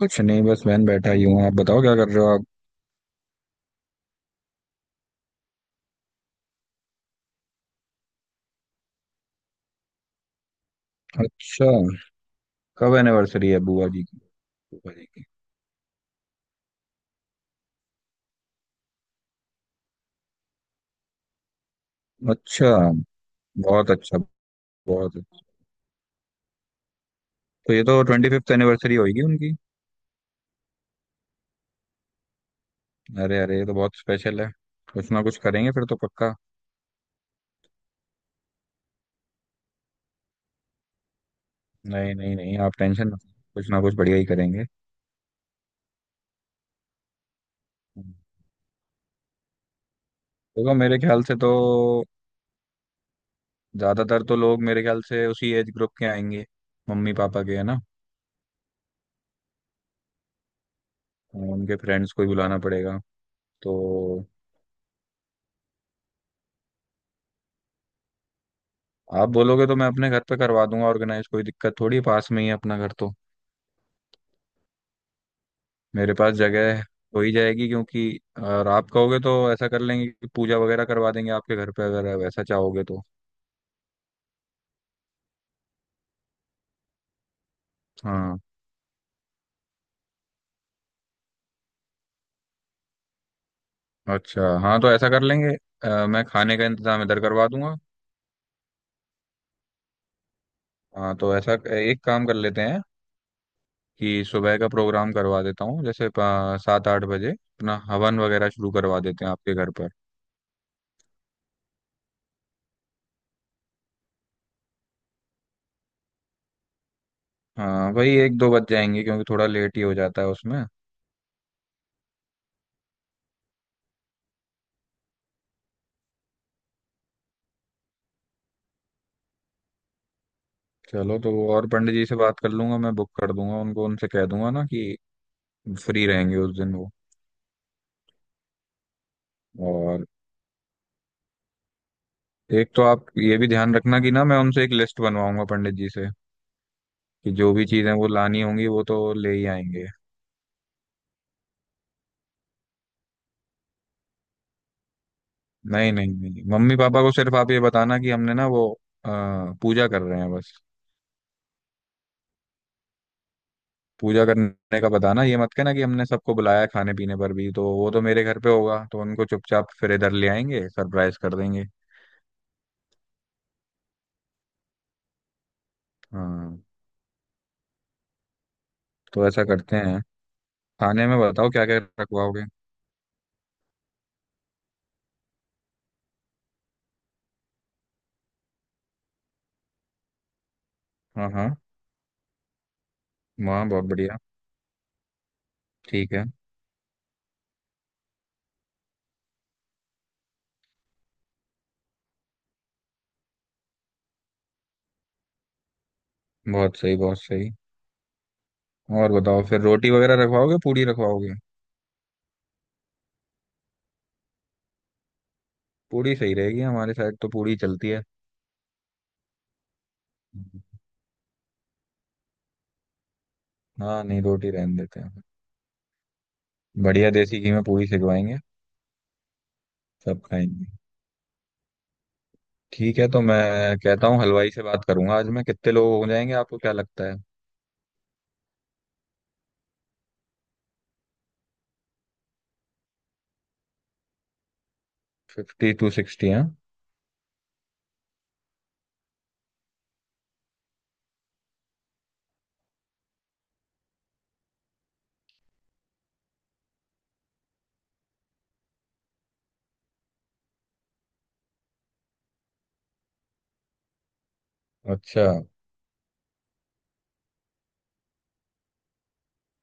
कुछ नहीं, बस बहन बैठा ही हूँ। आप बताओ क्या कर रहे हो आप। अच्छा, कब एनिवर्सरी है बुआ जी की? बुआ जी की अच्छा। बहुत अच्छा। बहुत अच्छा। तो ये तो ट्वेंटी फिफ्थ एनिवर्सरी होगी उनकी। अरे अरे, ये तो बहुत स्पेशल है। कुछ ना कुछ करेंगे फिर तो पक्का। नहीं नहीं नहीं, आप टेंशन मत लो, कुछ ना कुछ बढ़िया ही करेंगे। देखो मेरे ख्याल से तो ज्यादातर तो लोग मेरे ख्याल से उसी एज ग्रुप के आएंगे, मम्मी पापा के है ना। उनके फ्रेंड्स को ही बुलाना पड़ेगा। तो आप बोलोगे तो मैं अपने घर पे करवा दूंगा ऑर्गेनाइज। कोई दिक्कत थोड़ी, पास में ही है अपना घर तो। मेरे पास जगह है, हो ही जाएगी। क्योंकि और आप कहोगे तो ऐसा कर लेंगे कि पूजा वगैरह करवा देंगे आपके घर पे, अगर वैसा चाहोगे तो। हाँ, अच्छा, हाँ तो ऐसा कर लेंगे। मैं खाने का इंतजाम इधर करवा दूंगा। हाँ तो ऐसा एक काम कर लेते हैं कि सुबह का प्रोग्राम करवा देता हूँ, जैसे सात आठ बजे अपना हवन वगैरह शुरू करवा देते हैं आपके घर पर। हाँ, वही एक दो बज जाएंगे क्योंकि थोड़ा लेट ही हो जाता है उसमें। चलो तो वो और पंडित जी से बात कर लूंगा मैं, बुक कर दूंगा उनको, उनसे कह दूंगा ना कि फ्री रहेंगे उस दिन वो। और एक तो आप ये भी ध्यान रखना कि ना, मैं उनसे एक लिस्ट बनवाऊंगा पंडित जी से कि जो भी चीजें वो लानी होंगी वो तो ले ही आएंगे। नहीं नहीं नहीं, मम्मी पापा को सिर्फ आप ये बताना कि हमने ना वो अ, पूजा कर रहे हैं बस। पूजा करने का बताना, ये मत कहना कि हमने सबको बुलाया है खाने पीने पर, भी तो वो तो मेरे घर पे होगा तो उनको चुपचाप फिर इधर ले आएंगे, सरप्राइज कर देंगे। हाँ तो ऐसा करते हैं। खाने में बताओ क्या क्या रखवाओगे। हाँ हाँ, वाह बहुत बढ़िया। ठीक है। बहुत सही बहुत सही। और बताओ फिर रोटी वगैरह रखवाओगे, पूड़ी रखवाओगे? पूड़ी सही रहेगी, हमारे साइड तो पूड़ी चलती है। हाँ, नहीं, रोटी रहने देते हैं। बढ़िया देसी घी में पूड़ी सिखवाएंगे, सब खाएंगे। ठीक है तो मैं कहता हूँ हलवाई से बात करूंगा आज मैं। कितने लोग हो जाएंगे, आपको क्या लगता है? फिफ्टी टू सिक्सटी है। अच्छा,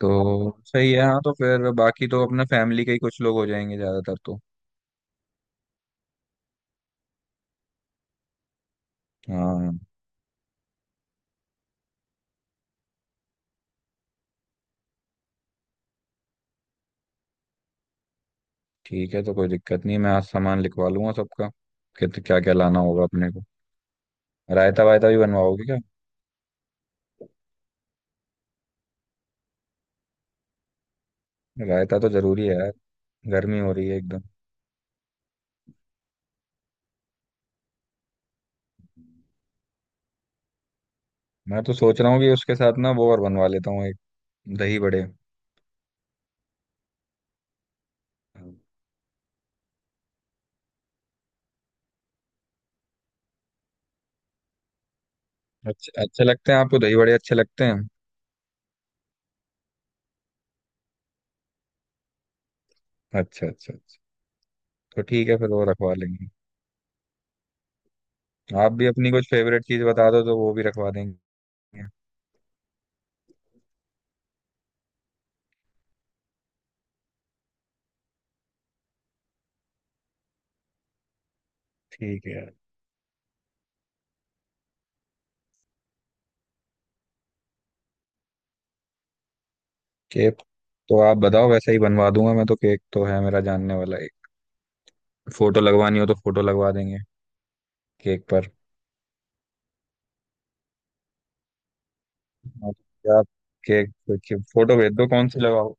तो सही है। हाँ तो फिर बाकी तो अपने फैमिली के ही कुछ लोग हो जाएंगे ज्यादातर तो। हाँ ठीक है, तो कोई दिक्कत नहीं है। मैं आज सामान लिखवा लूंगा सबका, कित क्या क्या लाना होगा अपने को। रायता वायता भी बनवाओगे क्या? रायता तो जरूरी है यार, गर्मी हो रही है एकदम। मैं तो सोच रहा हूँ कि उसके साथ ना वो और बनवा लेता हूँ एक, दही बड़े। अच्छे अच्छे लगते हैं आपको दही बड़े अच्छे लगते हैं? अच्छा अच्छा अच्छा। तो ठीक है फिर, वो रखवा लेंगे। आप भी अपनी कुछ फेवरेट चीज बता दो तो वो भी रखवा देंगे। ठीक है यार। केक तो आप बताओ, वैसे ही बनवा दूंगा मैं तो। केक तो है मेरा जानने वाला एक। फोटो लगवानी हो तो फोटो लगवा देंगे केक पर। हाँ, तो आप केक देखिए, फोटो भेज दो कौन सी लगाओ।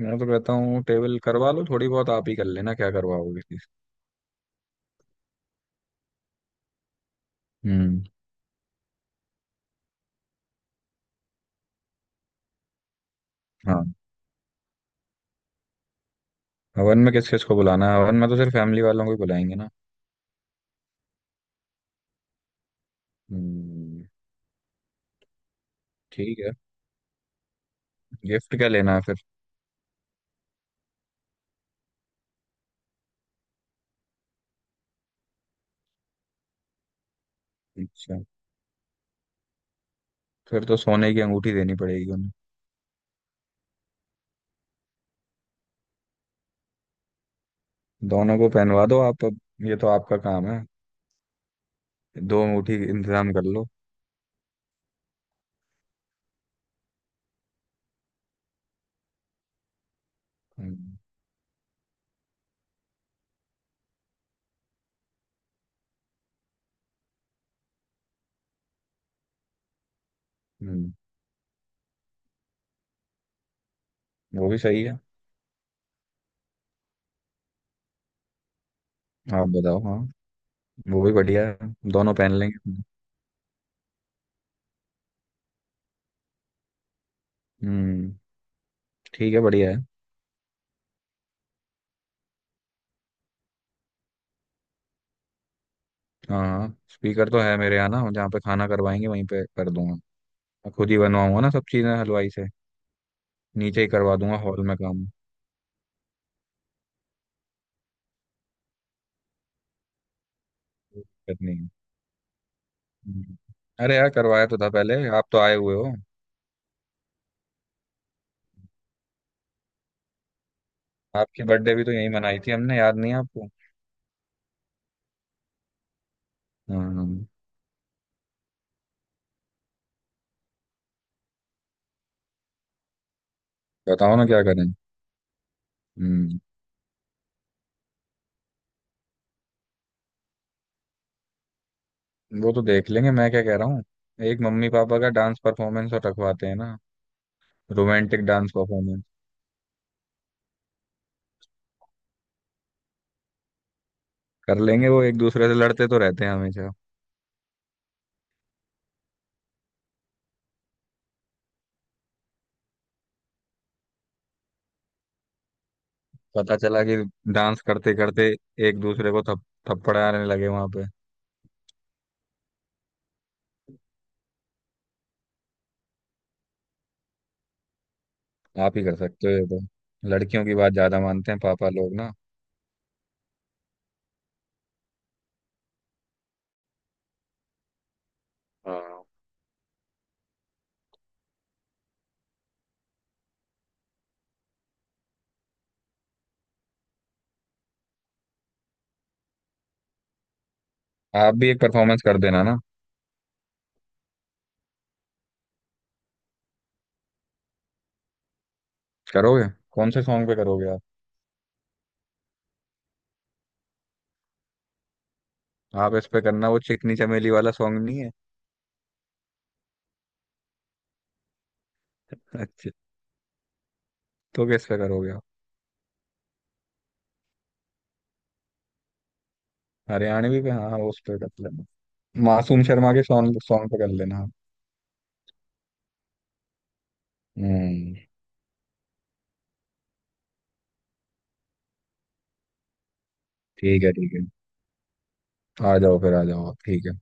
मैं तो कहता हूँ टेबल करवा लो थोड़ी बहुत आप ही, कर लेना क्या करवाओगे किसी से। हम्म, हाँ। हवन में किस किस को बुलाना है? हवन में तो सिर्फ फैमिली वालों को ही बुलाएंगे ना। हम्म, ठीक है। गिफ्ट क्या लेना है फिर? अच्छा, फिर तो सोने की अंगूठी देनी पड़ेगी उन्हें। दोनों को पहनवा दो आप अब, ये तो आपका काम है। दो अंगूठी इंतजाम कर लो। हम्म हम्म, वो भी सही है। आप बताओ, हाँ, वो भी बढ़िया है, दोनों पहन लेंगे। हम्म, ठीक है, बढ़िया है। हाँ हाँ, स्पीकर तो है मेरे यहाँ ना, जहाँ पे खाना करवाएंगे वहीं पे कर दूंगा। मैं खुद ही बनवाऊंगा ना सब चीज़ें हलवाई से। नीचे ही करवा दूंगा हॉल में काम, कोई दिक्कत नहीं है। हम्म। अरे यार, करवाया तो था पहले, आप तो आए हुए हो। आपकी बर्थडे भी तो यहीं मनाई थी हमने, याद नहीं है आपको? हाँ हाँ। बताओ ना क्या करें। हम्म, वो तो देख लेंगे। मैं क्या कह रहा हूँ, एक मम्मी पापा का डांस परफॉर्मेंस और रखवाते हैं ना। रोमांटिक डांस परफॉर्मेंस कर लेंगे वो, एक दूसरे से लड़ते तो रहते हैं हमेशा। पता चला कि डांस करते करते एक दूसरे को थप थप्पड़ाने लगे वहां पे। आप ही कर सकते हो ये तो, लड़कियों की बात ज्यादा मानते हैं पापा लोग ना। हाँ, आप भी एक परफॉर्मेंस कर देना ना। करोगे? कौन से सॉन्ग पे करोगे आप? आप इस पे करना, वो चिकनी चमेली वाला सॉन्ग नहीं है। अच्छा, तो किस पे करोगे आप? हरियाणवी पे, हाँ वो उस पे कर लेना। मासूम शर्मा के सॉन्ग सॉन्ग पे कर लेना आप। हम्म, ठीक है। ठीक है, आ जाओ फिर, आ जाओ आप। ठीक है।